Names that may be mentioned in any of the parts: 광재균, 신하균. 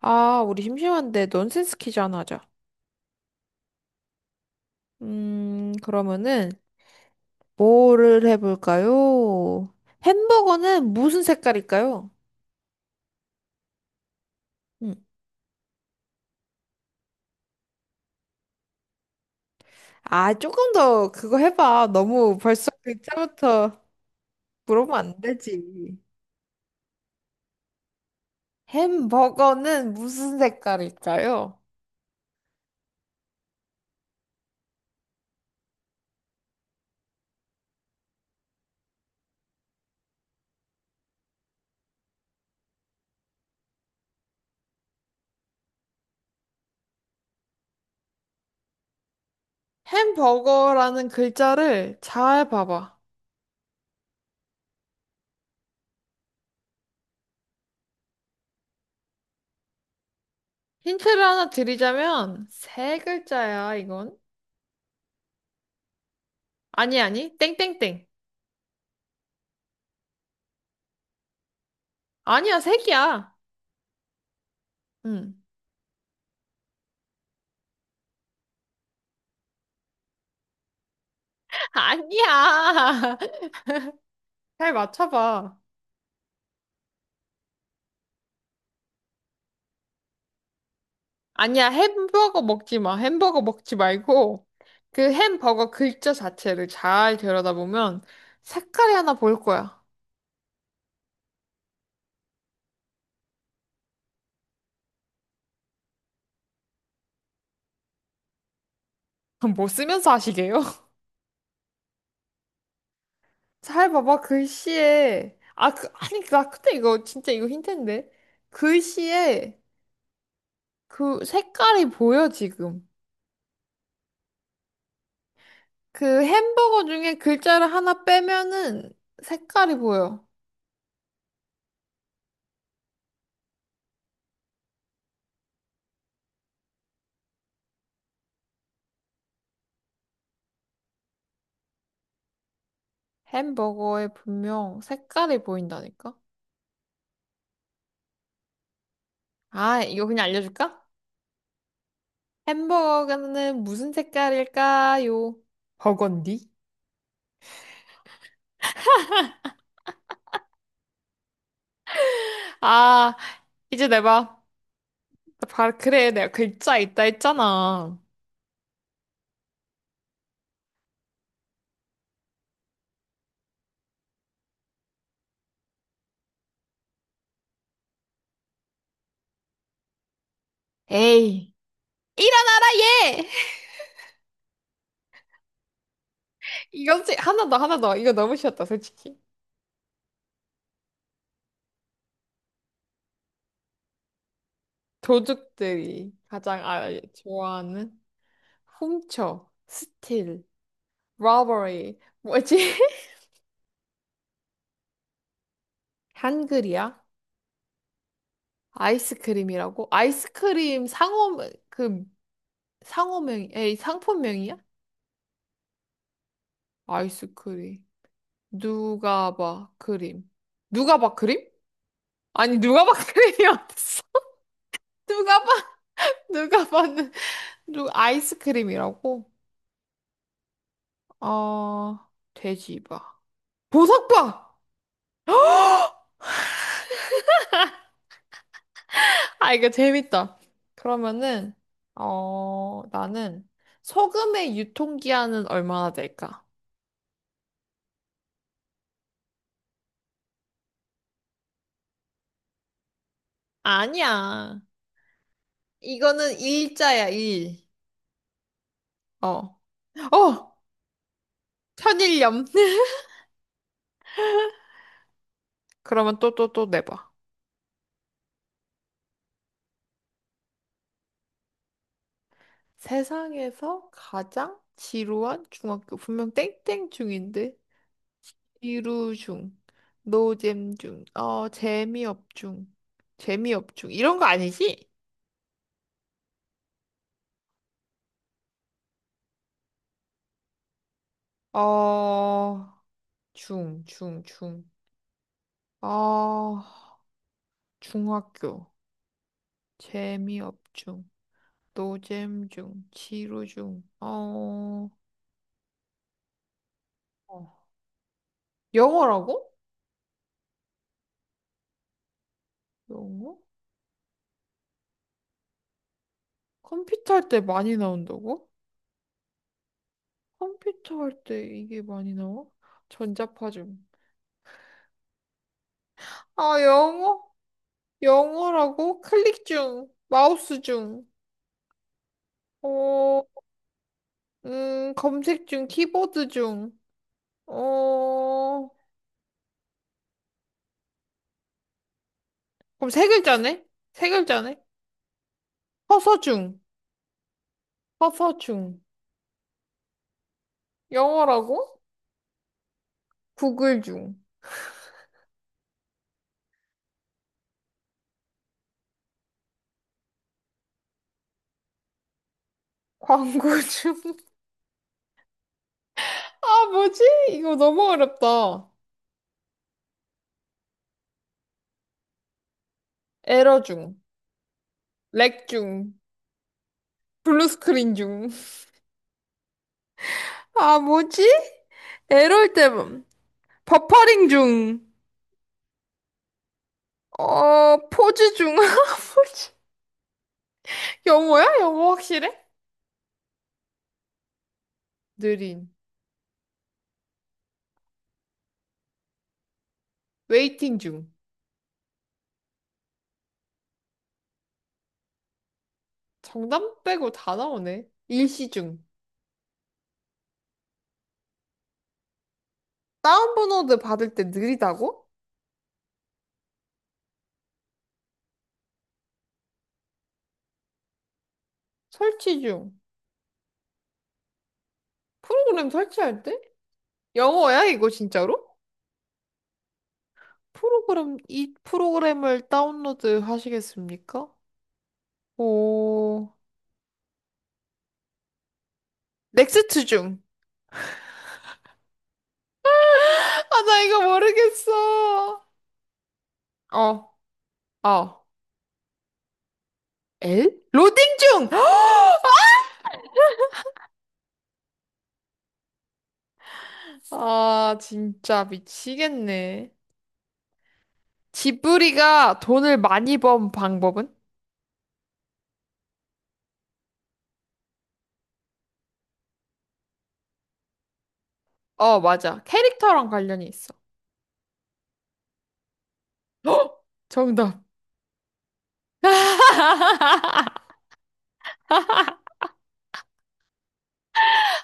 아, 우리 심심한데 넌센스 퀴즈 하나 하자. 그러면은 뭐를 해볼까요? 햄버거는 무슨 색깔일까요? 음. 아, 조금 더 그거 해봐. 너무 벌써 글자부터 물으면 안 되지. 햄버거는 무슨 색깔일까요? 햄버거라는 글자를 잘 봐봐. 힌트를 하나 드리자면 세 글자야, 이건. 아니, 아니, 땡땡땡. 아니야, 색이야. 응. 아니야. 잘 맞춰봐. 아니야, 햄버거 먹지 마. 햄버거 먹지 말고, 그 햄버거 글자 자체를 잘 들여다보면 색깔이 하나 보일 거야. 뭐 쓰면서 하시게요? 잘 봐봐, 글씨에. 아, 그, 아니, 나 근데 이거 진짜 이거 힌트인데. 글씨에 그 색깔이 보여, 지금. 그 햄버거 중에 글자를 하나 빼면은 색깔이 보여. 햄버거에 분명 색깔이 보인다니까? 아, 이거 그냥 알려줄까? 햄버거는 무슨 색깔일까요? 버건디? 아, 이제 내봐. 나 봐, 그래, 내가 글자 있다 했잖아. 에이, 일어나라, 얘! 이거지, 하나 더, 하나 더. 이거 너무 쉬웠다, 솔직히. 도둑들이 가장 아, 좋아하는 훔쳐, 스틸, 러버리, 뭐지? 한글이야? 아이스크림이라고? 아이스크림 상호, 그, 상호명, 에이, 상품명이야? 아이스크림. 누가 봐, 크림. 누가 봐, 크림? 아니, 누가 봐, 크림이 어딨어? 누가 봐, 누가 봐는, 누, 아이스크림이라고? 어, 돼지 봐. 보석바! 아, 이거 재밌다. 그러면은, 어, 나는 소금의 유통기한은 얼마나 될까? 아니야. 이거는 일자야, 일. 어. 어! 천일염. 그러면 또, 또, 또 내봐. 세상에서 가장 지루한 중학교. 분명 땡땡 중인데. 지루 중. 노잼 중. 어, 재미업 중. 재미업 중. 이런 거 아니지? 어, 중, 중, 중. 어, 중학교. 재미업 중. 노잼 중. 지루 중. 어, 어. 영어라고? 영어? 컴퓨터 할 때 많이 나온다고? 컴퓨터 할 때 이게 많이 나와? 전자파 중. 아, 영어? 영어라고? 클릭 중, 마우스 중, 어, 검색 중, 키보드 중, 어, 그럼 세 글자네? 세 글자네? 커서 중, 커서 중, 영어라고? 구글 중, 광고 중. 아, 뭐지? 이거 너무 어렵다. 에러 중, 렉 중, 블루 스크린 중. 아, 뭐지? 에러일 때 뭐, 버퍼링 중, 어, 포즈 중. 아, 뭐지? 영어야? 영어 확실해? 느린. 웨이팅 중. 정답 빼고 다 나오네. 일시 중. 다운로드 받을 때 느리다고? 설치 중. 프로그램 설치할 때? 영어야, 이거 진짜로? 프로그램, 이 프로그램을 다운로드 하시겠습니까? 오, 넥스트 중. 아, 나 이거 모르겠어. 어, 어. 엘? 로딩 중! 아, 진짜 미치겠네. 지브리가 돈을 많이 번 방법은? 어, 맞아. 캐릭터랑 관련이 있어. 헉! 정답.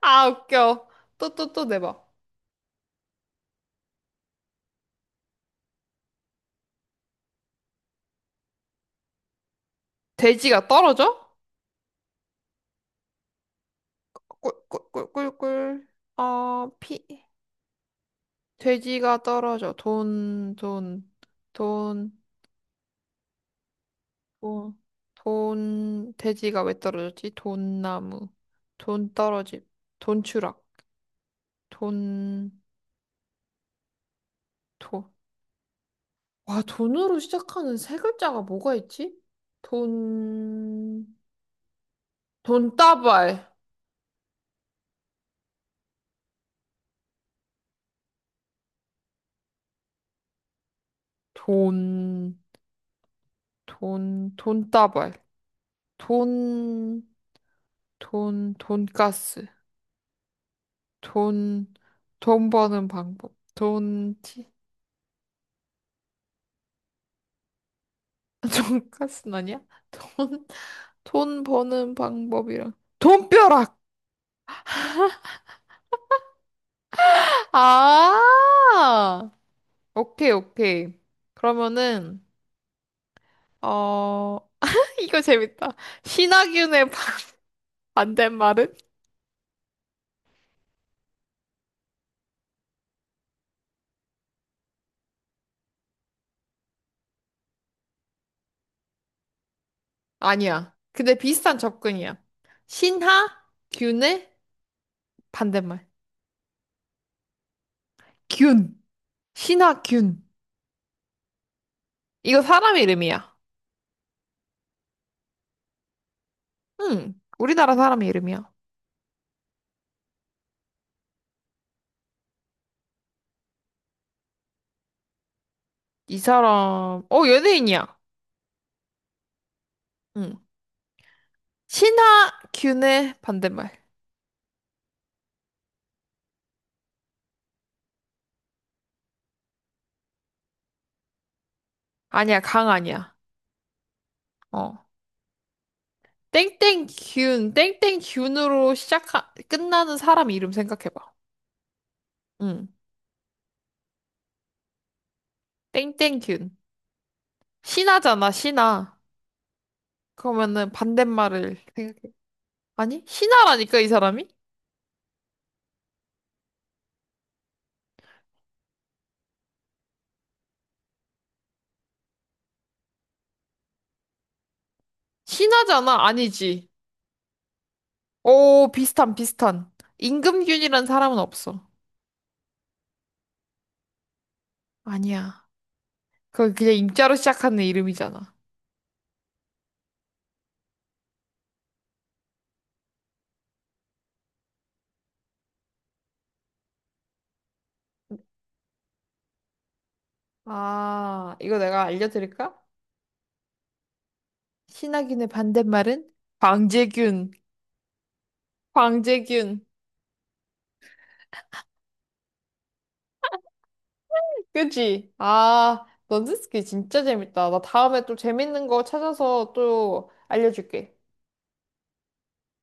아, 웃겨. 또, 또, 또 내봐. 돼지가 떨어져? 꿀꿀꿀꿀꿀. 어, 피. 돼지가 떨어져. 돈, 돈, 돈, 돈, 돈. 돼지가 왜 떨어졌지? 돈나무. 돈 떨어짐. 돈 추락. 돈, 돈. 와, 돈으로 시작하는 세 글자가 뭐가 있지? 돈, 돈다발. 돈, 돈, 돈다발. 돈, 돈, 돈가스. 돈, 돈 버는 방법. 돈, 티, 돈가스는 아니야? 돈, 돈 버는 방법이랑. 돈벼락! 아! 오케이, 오케이. 그러면은, 어, 이거 재밌다. 신하균의 반대말은? 아니야. 근데 비슷한 접근이야. 신하균의 반대말. 균. 신하균. 이거 사람 이름이야. 응. 우리나라 사람 이름이야. 이 사람, 어, 연예인이야. 응. 신하균의 반대말. 아니야, 강 아니야. 어. 땡땡균, 땡땡균으로 시작하, 끝나는 사람 이름 생각해봐. 응. 땡땡균. 신하잖아, 신하. 그러면은 반대말을 생각해. 아니? 신하라니까, 이 사람이? 신하잖아, 아니지. 오, 비슷한, 비슷한. 임금균이란 사람은 없어. 아니야. 그거 그냥 임자로 시작하는 이름이잖아. 아, 이거 내가 알려드릴까? 신하균의 반대말은 광재균. 광재균. 그지? 아, 넌지스키 진짜 재밌다. 나 다음에 또 재밌는 거 찾아서 또 알려줄게.